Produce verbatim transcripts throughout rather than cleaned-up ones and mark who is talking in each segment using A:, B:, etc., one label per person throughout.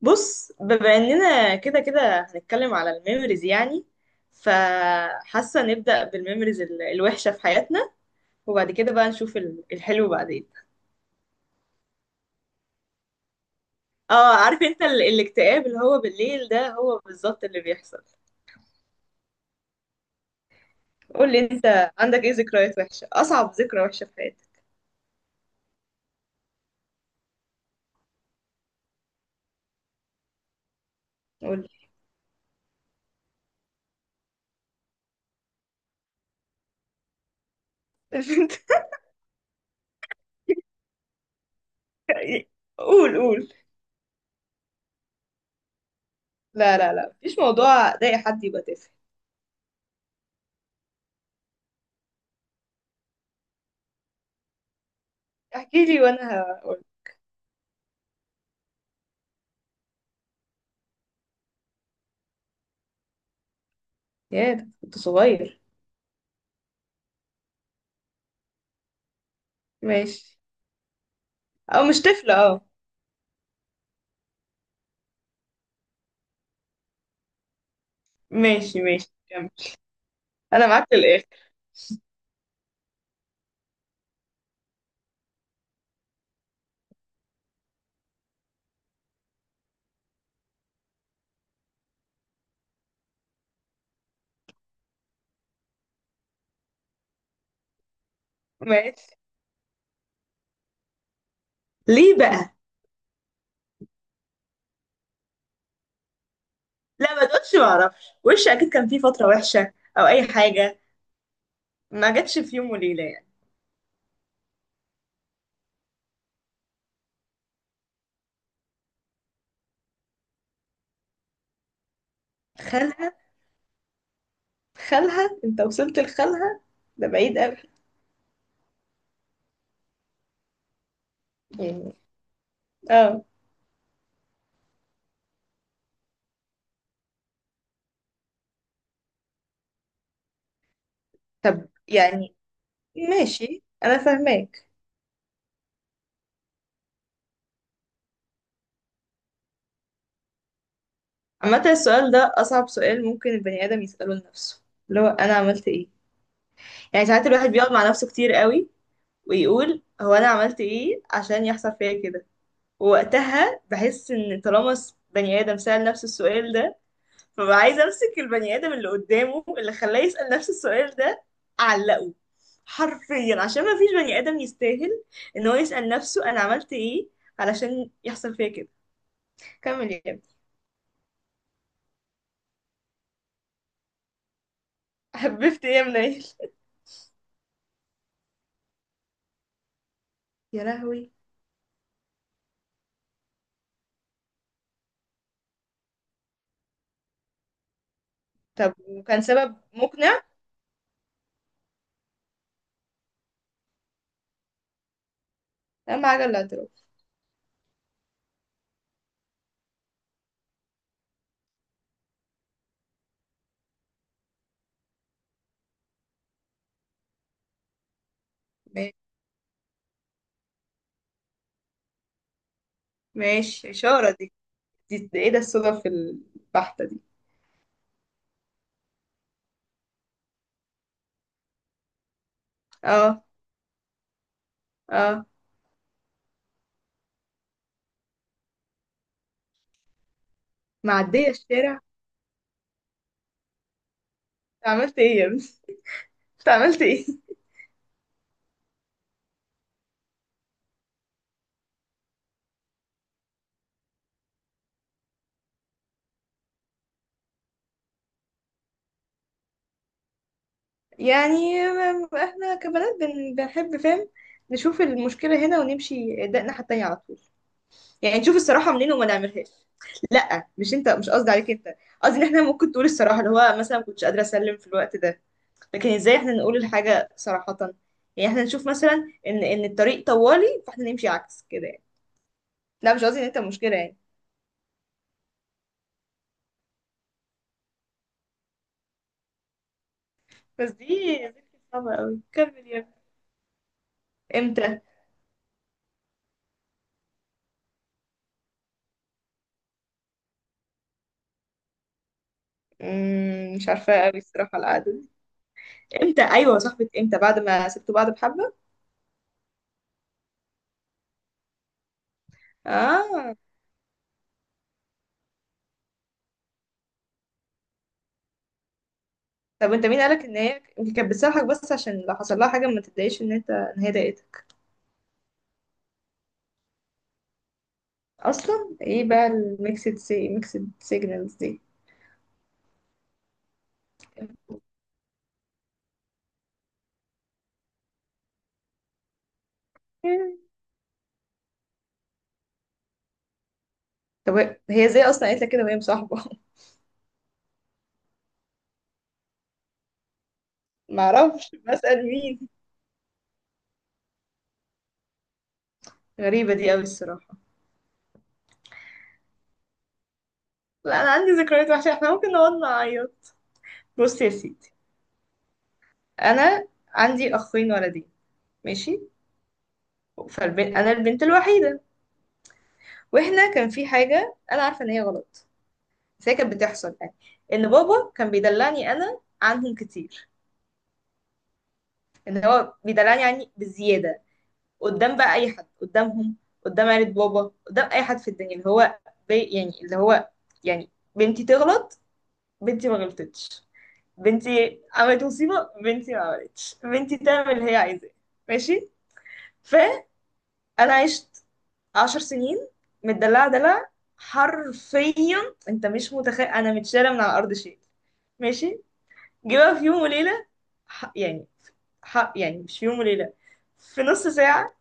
A: بص، بما اننا كده كده هنتكلم على الميموريز. يعني فحاسه نبدا بالميموريز ال- الوحشه في حياتنا، وبعد كده بقى نشوف ال- الحلو بعدين. اه عارف انت ال- الاكتئاب اللي هو بالليل ده هو بالظبط اللي بيحصل. قول لي انت عندك ايه ذكريات وحشه؟ اصعب ذكرى وحشه في حياتك؟ قول لي. قول قول. لا لا لا، مفيش موضوع ضايق حد يبقى تافه. احكي لي وانا هقول. يا ده كنت صغير. ماشي. او مش طفله، اه. ماشي ماشي، كمل. انا معاك للاخر. ماشي. ليه بقى؟ لا ما تقولش ما اعرفش، وش اكيد كان فيه فتره وحشه او اي حاجه، ما جاتش في يوم وليله يعني. خالها؟ خالها؟ انت وصلت لخالها؟ ده بعيد قوي. يعني، اه. طب يعني، ماشي انا فاهماك. عامه السؤال ده اصعب سؤال ممكن البني ادم يساله لنفسه، اللي هو انا عملت ايه. يعني ساعات الواحد بيقعد مع نفسه كتير قوي ويقول هو انا عملت ايه عشان يحصل فيا كده. وقتها بحس ان طالما س- بني ادم سأل نفسه السؤال ده، فببقى عايزه امسك البني ادم اللي قدامه اللي خلاه يسأل نفس السؤال ده، اعلقه حرفيا. عشان ما فيش بني ادم يستاهل ان هو يسأل نفسه انا عملت ايه علشان يحصل فيا كده. كمل يا ابني. حببت ايه يا منيل؟ يا لهوي. طب وكان سبب مقنع؟ اهم حاجه الاعتراف. ما- ماشي، اشاره دي. دي دي ايه ده، الصدف البحته دي؟ اه. اه، معديه الشارع؟ عملت ايه يا ابني؟ انت عملت ايه؟ يعني، م- احنا كبنات بن- بنحب، فاهم؟ نشوف المشكلة هنا ونمشي، ده الناحية التانية على طول. يعني نشوف الصراحة منين وما نعملهاش. لا مش انت، مش قصدي عليك انت. قصدي ان احنا ممكن تقول الصراحة اللي هو مثلا ما كنتش قادرة اسلم في الوقت ده، لكن ازاي احنا نقول الحاجة صراحة؟ يعني احنا نشوف مثلا ان ان الطريق طوالي، فاحنا نمشي عكس كده يعني. لا مش قصدي ان انت مشكلة يعني. بس دي ذكرى صعبة قوي. كمل يا ابني. امتى؟ مم، مش عارفة قوي الصراحة القعدة دي. امتى؟ ايوه صاحبة امتى، بعد ما سبتوا بعض بحبة؟ اه. طب انت مين قالك ان هي يمكن كانت بتسامحك بس عشان لو حصل لها حاجة ما تتضايقش ان انت، ان هي ضايقتك؟ اصلا ايه بقى الميكسد سي، ميكسد سيجنالز دي؟ طب هي ازاي اصلا قالت لك كده وهي مصاحبة؟ معرفش، بسأل مين؟ غريبة دي قوي الصراحة. لا انا عندي ذكريات وحشة، احنا ممكن نقعد نعيط. بص يا سيدي، انا عندي اخين ولدين. ماشي. فالبنت انا البنت الوحيدة. واحنا كان في حاجة انا عارفة ان هي غلط، بس هي كانت بتحصل يعني. ان بابا كان بيدلعني انا عنهم كتير، ان هو بيدلعني يعني بزياده. قدام بقى اي حد، قدامهم، قدام عيلة بابا، قدام اي حد في الدنيا، اللي هو بي يعني اللي هو، يعني بنتي تغلط، بنتي ما غلطتش، بنتي عملت مصيبه، بنتي ما عملتش، بنتي تعمل اللي هي عايزاه. ماشي. فانا عشت عشر سنين متدلعه دلع، حرفيا. انت مش متخيل، انا متشاله من على الارض شيء. ماشي. جه بقى في يوم وليلة، ح- يعني ح- يعني مش في يوم وليلة، في نص ساعة،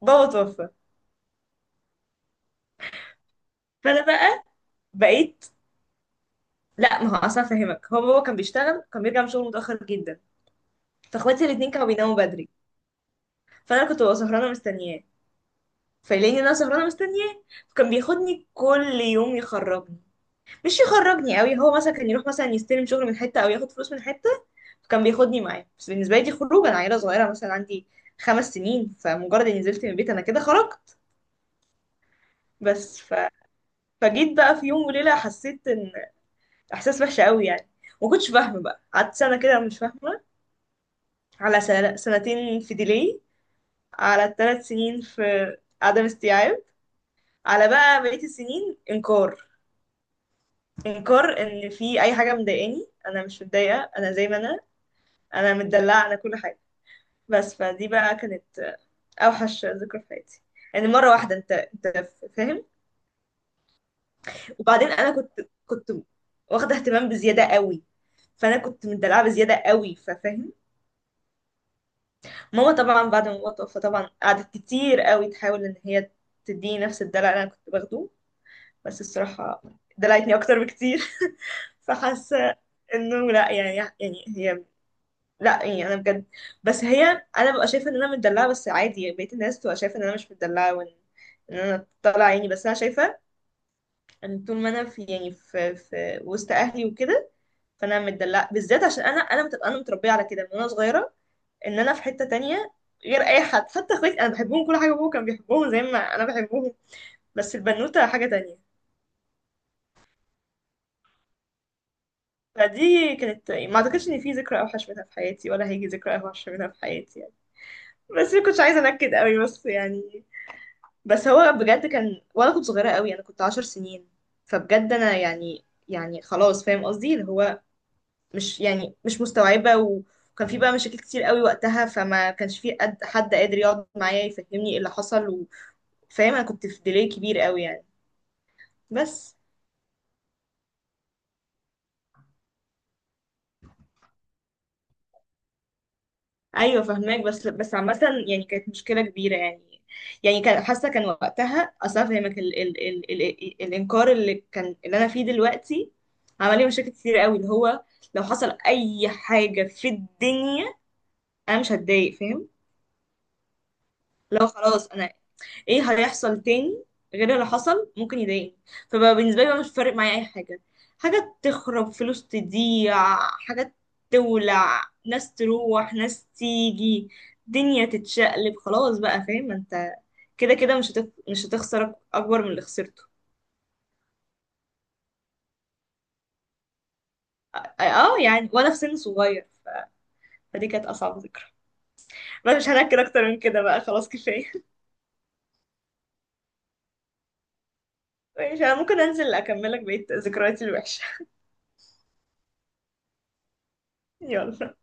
A: بابا توفى. فأنا بقى بقيت. لا ما هو أصلا فاهمك، هو بابا كان بيشتغل، كان بيرجع من شغله متأخر جدا. فاخواتي الاتنين كانوا بيناموا بدري، فأنا كنت ببقى سهرانة مستنياه. فيلاقيني إن أنا سهرانة مستنياه، فكان بياخدني كل يوم يخرجني. مش يخرجني قوي، هو مثلا كان يروح مثلا يستلم شغل من حتة أو ياخد فلوس من حتة، فكان بياخدني معاه. بس بالنسبة لي دي خروج. أنا عيلة صغيرة، مثلا عندي خمس سنين، فمجرد إني نزلت من البيت أنا كده خرجت. بس ف فجيت بقى في يوم وليلة حسيت ان، احساس وحش قوي يعني. ما كنتش فاهمة، بقى قعدت سنة كده مش فاهمة، على سنة سنتين في ديلي، على ثلاث سنين في عدم استيعاب، على بقى بقية السنين انكار. انكار ان في اي حاجة مضايقاني، انا مش متضايقة، انا زي ما انا، انا متدلعة، انا كل حاجة. بس فدي بقى كانت اوحش ذكرى في حياتي يعني. مرة واحدة انت، انت فاهم. وبعدين انا كنت كنت واخده اهتمام بزياده قوي. فانا كنت مدلعه بزياده قوي، ففاهم. ماما طبعا بعد ما بابا توفى طبعا قعدت كتير قوي تحاول ان هي تديني نفس الدلع اللي انا كنت باخده. بس الصراحه دلعتني اكتر بكتير. فحاسه انه لا يعني، يعني هي، لا يعني انا بجد. بس هي، انا ببقى شايفه ان انا متدلعه بس عادي، بقيت الناس تبقى شايفه ان انا مش متدلعه، وان ان انا طالعه عيني. بس انا شايفه ان طول ما انا في، يعني في, في وسط اهلي وكده، فانا متدلعه. بالذات عشان انا انا متبقى، انا متربيه على كده من وانا صغيره، ان انا في حته تانية غير اي حد. حتى اخواتي انا بحبهم كل حاجه، ابوه كان بيحبهم زي ما انا بحبهم، بس البنوته حاجه تانية. فدي كانت، ما اعتقدش ان في ذكرى اوحش منها في حياتي ولا هيجي ذكرى اوحش منها في حياتي يعني. بس ما كنتش عايزه انكد قوي بس يعني. بس هو بجد كان، وانا كنت صغيره قوي، انا كنت عشر سنين. فبجد انا يعني، يعني خلاص، فاهم قصدي اللي هو، مش يعني مش مستوعبة. وكان في بقى مشاكل كتير قوي وقتها، فما كانش في قد حد قادر يقعد معايا يفهمني ايه اللي حصل و... فاهم؟ انا كنت في ديلي كبير قوي يعني. بس ايوه فهماك، بس بس عامه يعني كانت مشكله كبيره يعني. يعني كان حاسه، كان وقتها اصلا، فهمك ال ال ال ال الانكار اللي كان اللي انا فيه دلوقتي عمل لي مشاكل كتير قوي. اللي هو لو حصل اي حاجه في الدنيا انا مش هتضايق، فاهم؟ لو خلاص، انا ايه هيحصل تاني غير اللي حصل ممكن يضايقني؟ فبقى بالنسبه لي بقى مش فارق معايا اي حاجه، حاجه تخرب، فلوس تضيع، حاجه تولع، ناس تروح، ناس تيجي، دنيا تتشقلب، خلاص بقى فاهم، ما انت كده كده مش هتخ... مش هتخسر اكبر من اللي خسرته. اه يعني، وانا في سن صغير. فدي كانت اصعب ذكرى. بس مش هنحكي اكتر من كده بقى، خلاص كفايه. مش انا ممكن انزل اكملك بقية ذكرياتي الوحشه. يلا.